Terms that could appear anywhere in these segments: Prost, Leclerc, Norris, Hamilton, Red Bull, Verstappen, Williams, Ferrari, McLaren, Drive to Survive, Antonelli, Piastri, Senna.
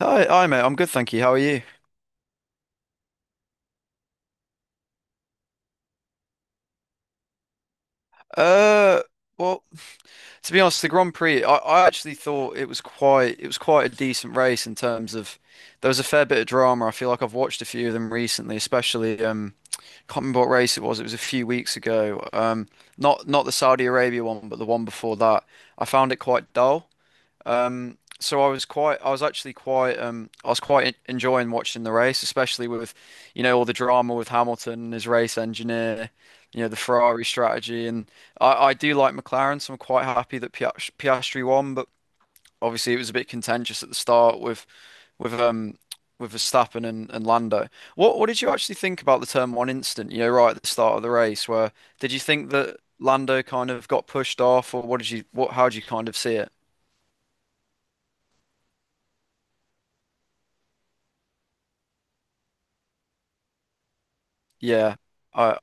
Hi, hi, mate. I'm good, thank you. How are you? Uh, well, to be honest, the Grand Prix, I actually thought it was quite a decent race in terms of there was a fair bit of drama. I feel like I've watched a few of them recently, especially can't remember what race it was. It was a few weeks ago. Not the Saudi Arabia one, but the one before that. I found it quite dull. So I was quite, I was actually quite, I was quite enjoying watching the race, especially with, you know, all the drama with Hamilton and his race engineer, you know, the Ferrari strategy, and I do like McLaren, so I'm quite happy that Piastri won, but obviously it was a bit contentious at the start with with um with Verstappen and, Lando. What did you actually think about the turn one incident? You know, right at the start of the race, where did you think that Lando kind of got pushed off, or what did you, what, how did you kind of see it? Yeah. I,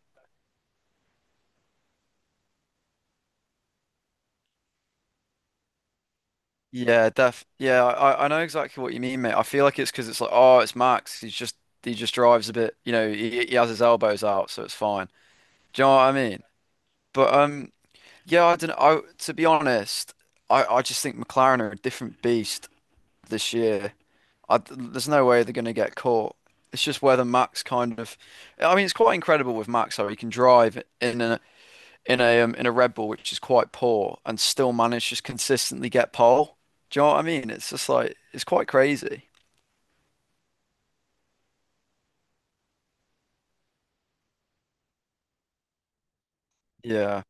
Yeah, def yeah, I know exactly what you mean, mate. I feel like it's because it's like, oh, it's Max. He just drives a bit, you know, he has his elbows out, so it's fine. Do you know what I mean? But yeah, I don't. I to be honest, I just think McLaren are a different beast this year. There's no way they're gonna get caught. It's just whether Max I mean, it's quite incredible with Max how he can drive in a Red Bull, which is quite poor, and still manage to just consistently get pole. Do you know what I mean? It's just like it's quite crazy. Yeah,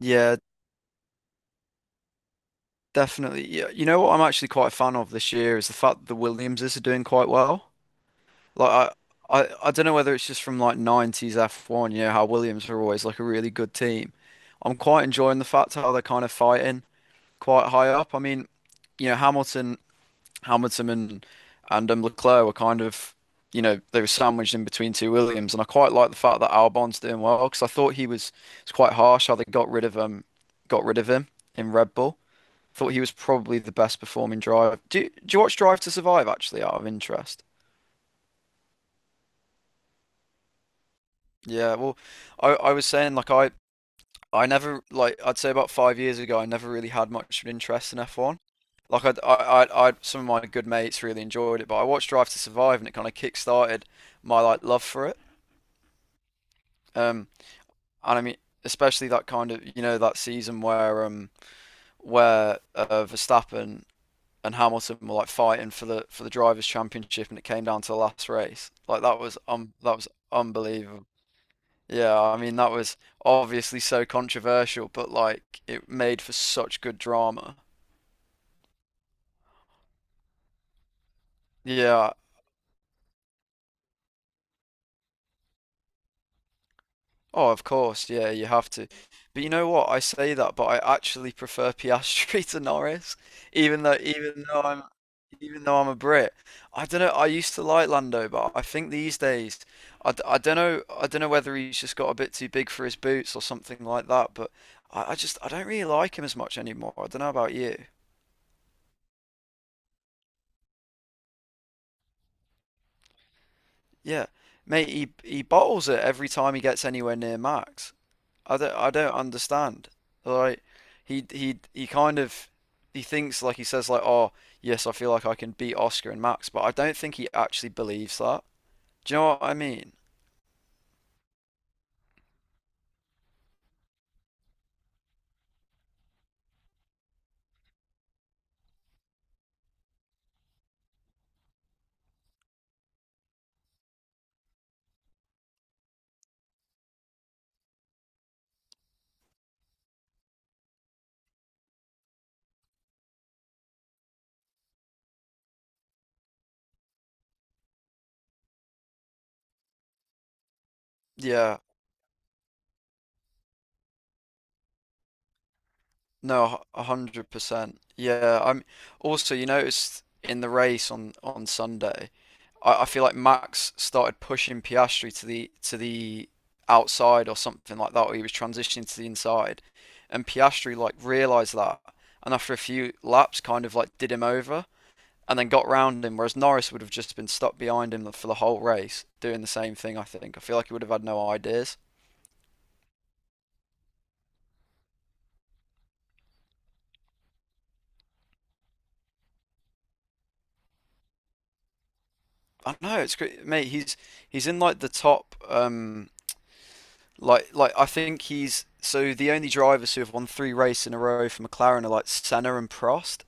yeah, definitely. Yeah, you know what I'm actually quite a fan of this year is the fact that the Williamses are doing quite well. Like I, I don't know whether it's just from like 90s F1, you know how Williams were always like a really good team. I'm quite enjoying the fact how they're kind of fighting quite high up. I mean, you know, Hamilton and Leclerc were kind of, you know, they were sandwiched in between two Williams, and I quite like the fact that Albon's doing well because I thought he was it's quite harsh how they got rid of him in Red Bull. Thought he was probably the best performing driver. Do you watch Drive to Survive actually out of interest? Yeah, well, I was saying like I never like I'd say about 5 years ago I never really had much of an interest in F1. Like I'd, some of my good mates really enjoyed it, but I watched Drive to Survive and it kind of kick-started my like love for it. Um, and I mean, especially that kind of you know that season where Verstappen and Hamilton were like fighting for the drivers' championship and it came down to the last race. Like that was unbelievable. Yeah, I mean that was obviously so controversial, but like it made for such good drama. Yeah. Oh, of course. Yeah, you have to. But you know what? I say that, but I actually prefer Piastri to Norris, even though even though I'm even though I'm a Brit. I don't know. I used to like Lando, but I think these days I don't know whether he's just got a bit too big for his boots or something like that, but I just I don't really like him as much anymore. I don't know about you. Yeah, mate, he bottles it every time he gets anywhere near max. I don't understand. Like he kind of he thinks like he says like oh yes I feel like I can beat Oscar and Max, but I don't think he actually believes that. Do you know what I mean? Yeah, no, 100%. Yeah, I'm also you noticed in the race on Sunday, I feel like Max started pushing Piastri to the outside or something like that, or he was transitioning to the inside, and Piastri like realised that, and after a few laps, kind of like did him over and then got round him, whereas Norris would have just been stuck behind him for the whole race doing the same thing. I feel like he would have had no ideas. I don't know it's great, mate. He's in like the top like I think he's so the only drivers who have won three races in a row for McLaren are like Senna and Prost,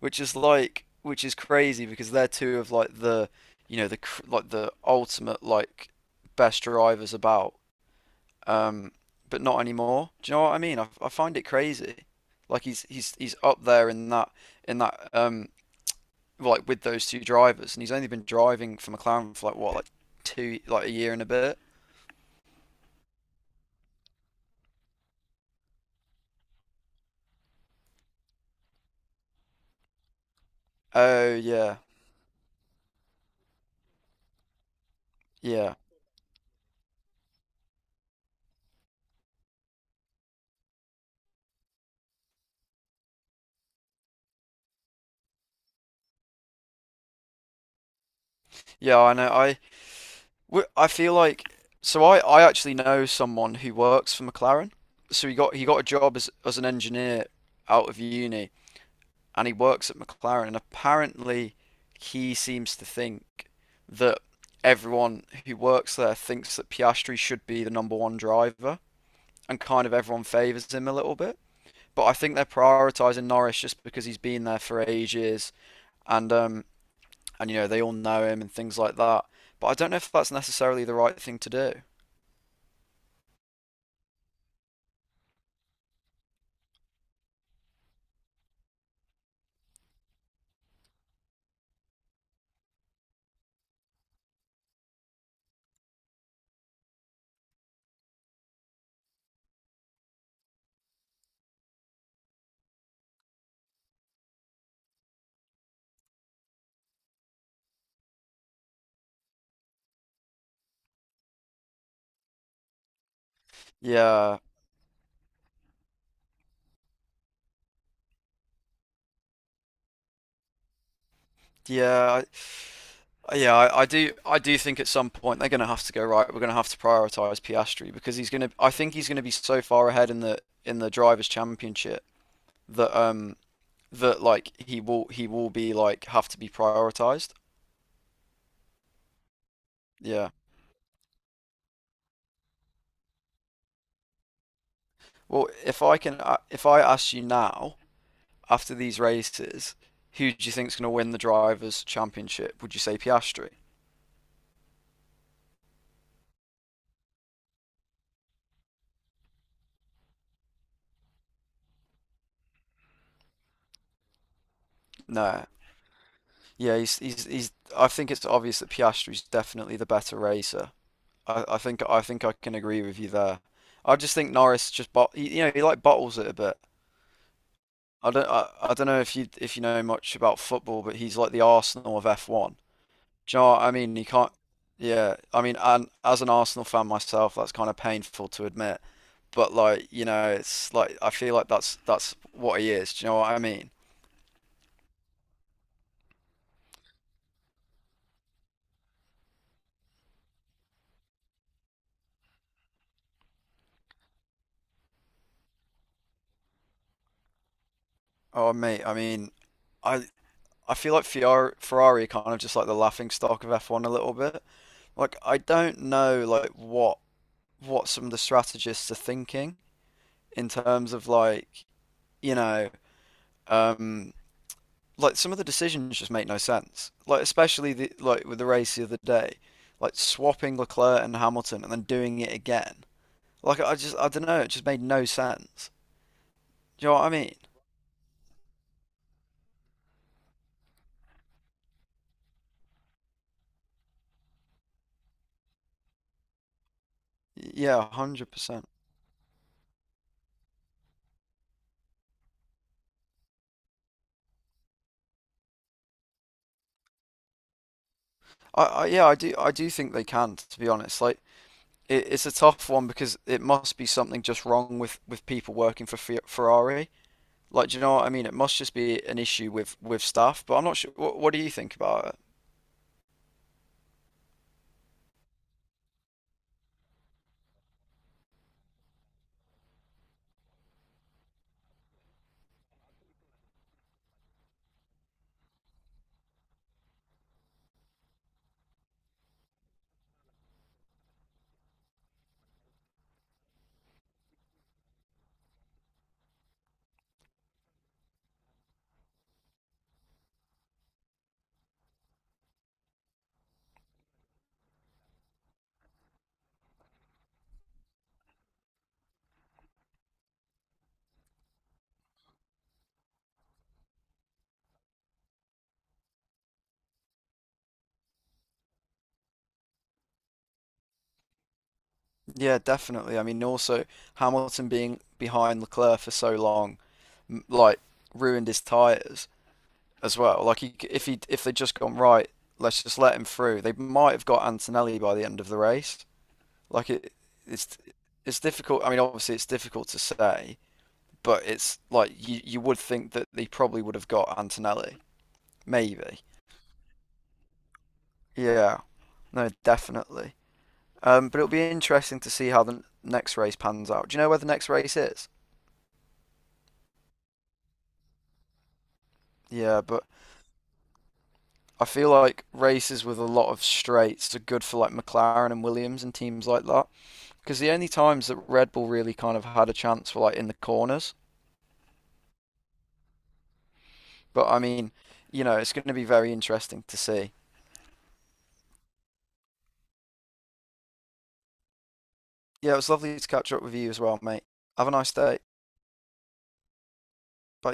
which is which is crazy because they're two of like the, you know, the like the ultimate like best drivers about. Um, but not anymore. Do you know what I mean? I find it crazy. Like he's up there in that in that um like with those two drivers, and he's only been driving for McLaren for like what like two like a year and a bit. Oh yeah, yeah, yeah. I know. I I feel like so I actually know someone who works for McLaren. So he got a job as an engineer out of uni and he works at McLaren and apparently he seems to think that everyone who works there thinks that Piastri should be the number one driver and kind of everyone favours him a little bit. But I think they're prioritising Norris just because he's been there for ages and um and you know they all know him and things like that. But I don't know if that's necessarily the right thing to do. Yeah, yeah, yeah. I do think at some point they're going to have to go right. We're going to have to prioritize Piastri because he's going to. I think he's going to be so far ahead in the Drivers' Championship that um that like he will be like have to be prioritized. Yeah. Well, if I can, if I ask you now after these races, who do you think's going to win the Drivers' Championship? Would you say Piastri? No. Yeah, he's. I think it's obvious that Piastri's definitely the better racer. I think I can agree with you there. I just think Norris just bot you know he like bottles it a bit. I don't know if you know much about football, but he's like the Arsenal of F1. Do you know what I mean? He can't. Yeah, I mean, and as an Arsenal fan myself, that's kind of painful to admit. But like you know, it's like I feel like that's what he is. Do you know what I mean? Oh mate, I mean, I I feel like Ferrari are kind of just like the laughing stock of F1 a little bit. Like I don't know like what some of the strategists are thinking in terms of like, you know, um, like some of the decisions just make no sense. Like especially the like with the race the other day, like swapping Leclerc and Hamilton and then doing it again. Like I just I don't know, it just made no sense. Do you know what I mean? Yeah, 100%. I do think they can, to be honest. Like it's a tough one because it must be something just wrong with people working for Fe Ferrari. Like, do you know what I mean? It must just be an issue with staff, but I'm not sure. What do you think about it? Yeah, definitely. I mean, also Hamilton being behind Leclerc for so long, like ruined his tires as well. Like, if he if they'd just gone right, let's just let him through. They might have got Antonelli by the end of the race. Like, it's it's difficult. I mean, obviously it's difficult to say, but it's like you would think that they probably would have got Antonelli, maybe. Yeah, no, definitely. But it'll be interesting to see how the next race pans out. Do you know where the next race is? Yeah, but I feel like races with a lot of straights are good for like McLaren and Williams and teams like that. Because the only times that Red Bull really kind of had a chance were like in the corners. But I mean, you know, it's going to be very interesting to see. Yeah, it was lovely to catch up with you as well, mate. Have a nice day. Bye.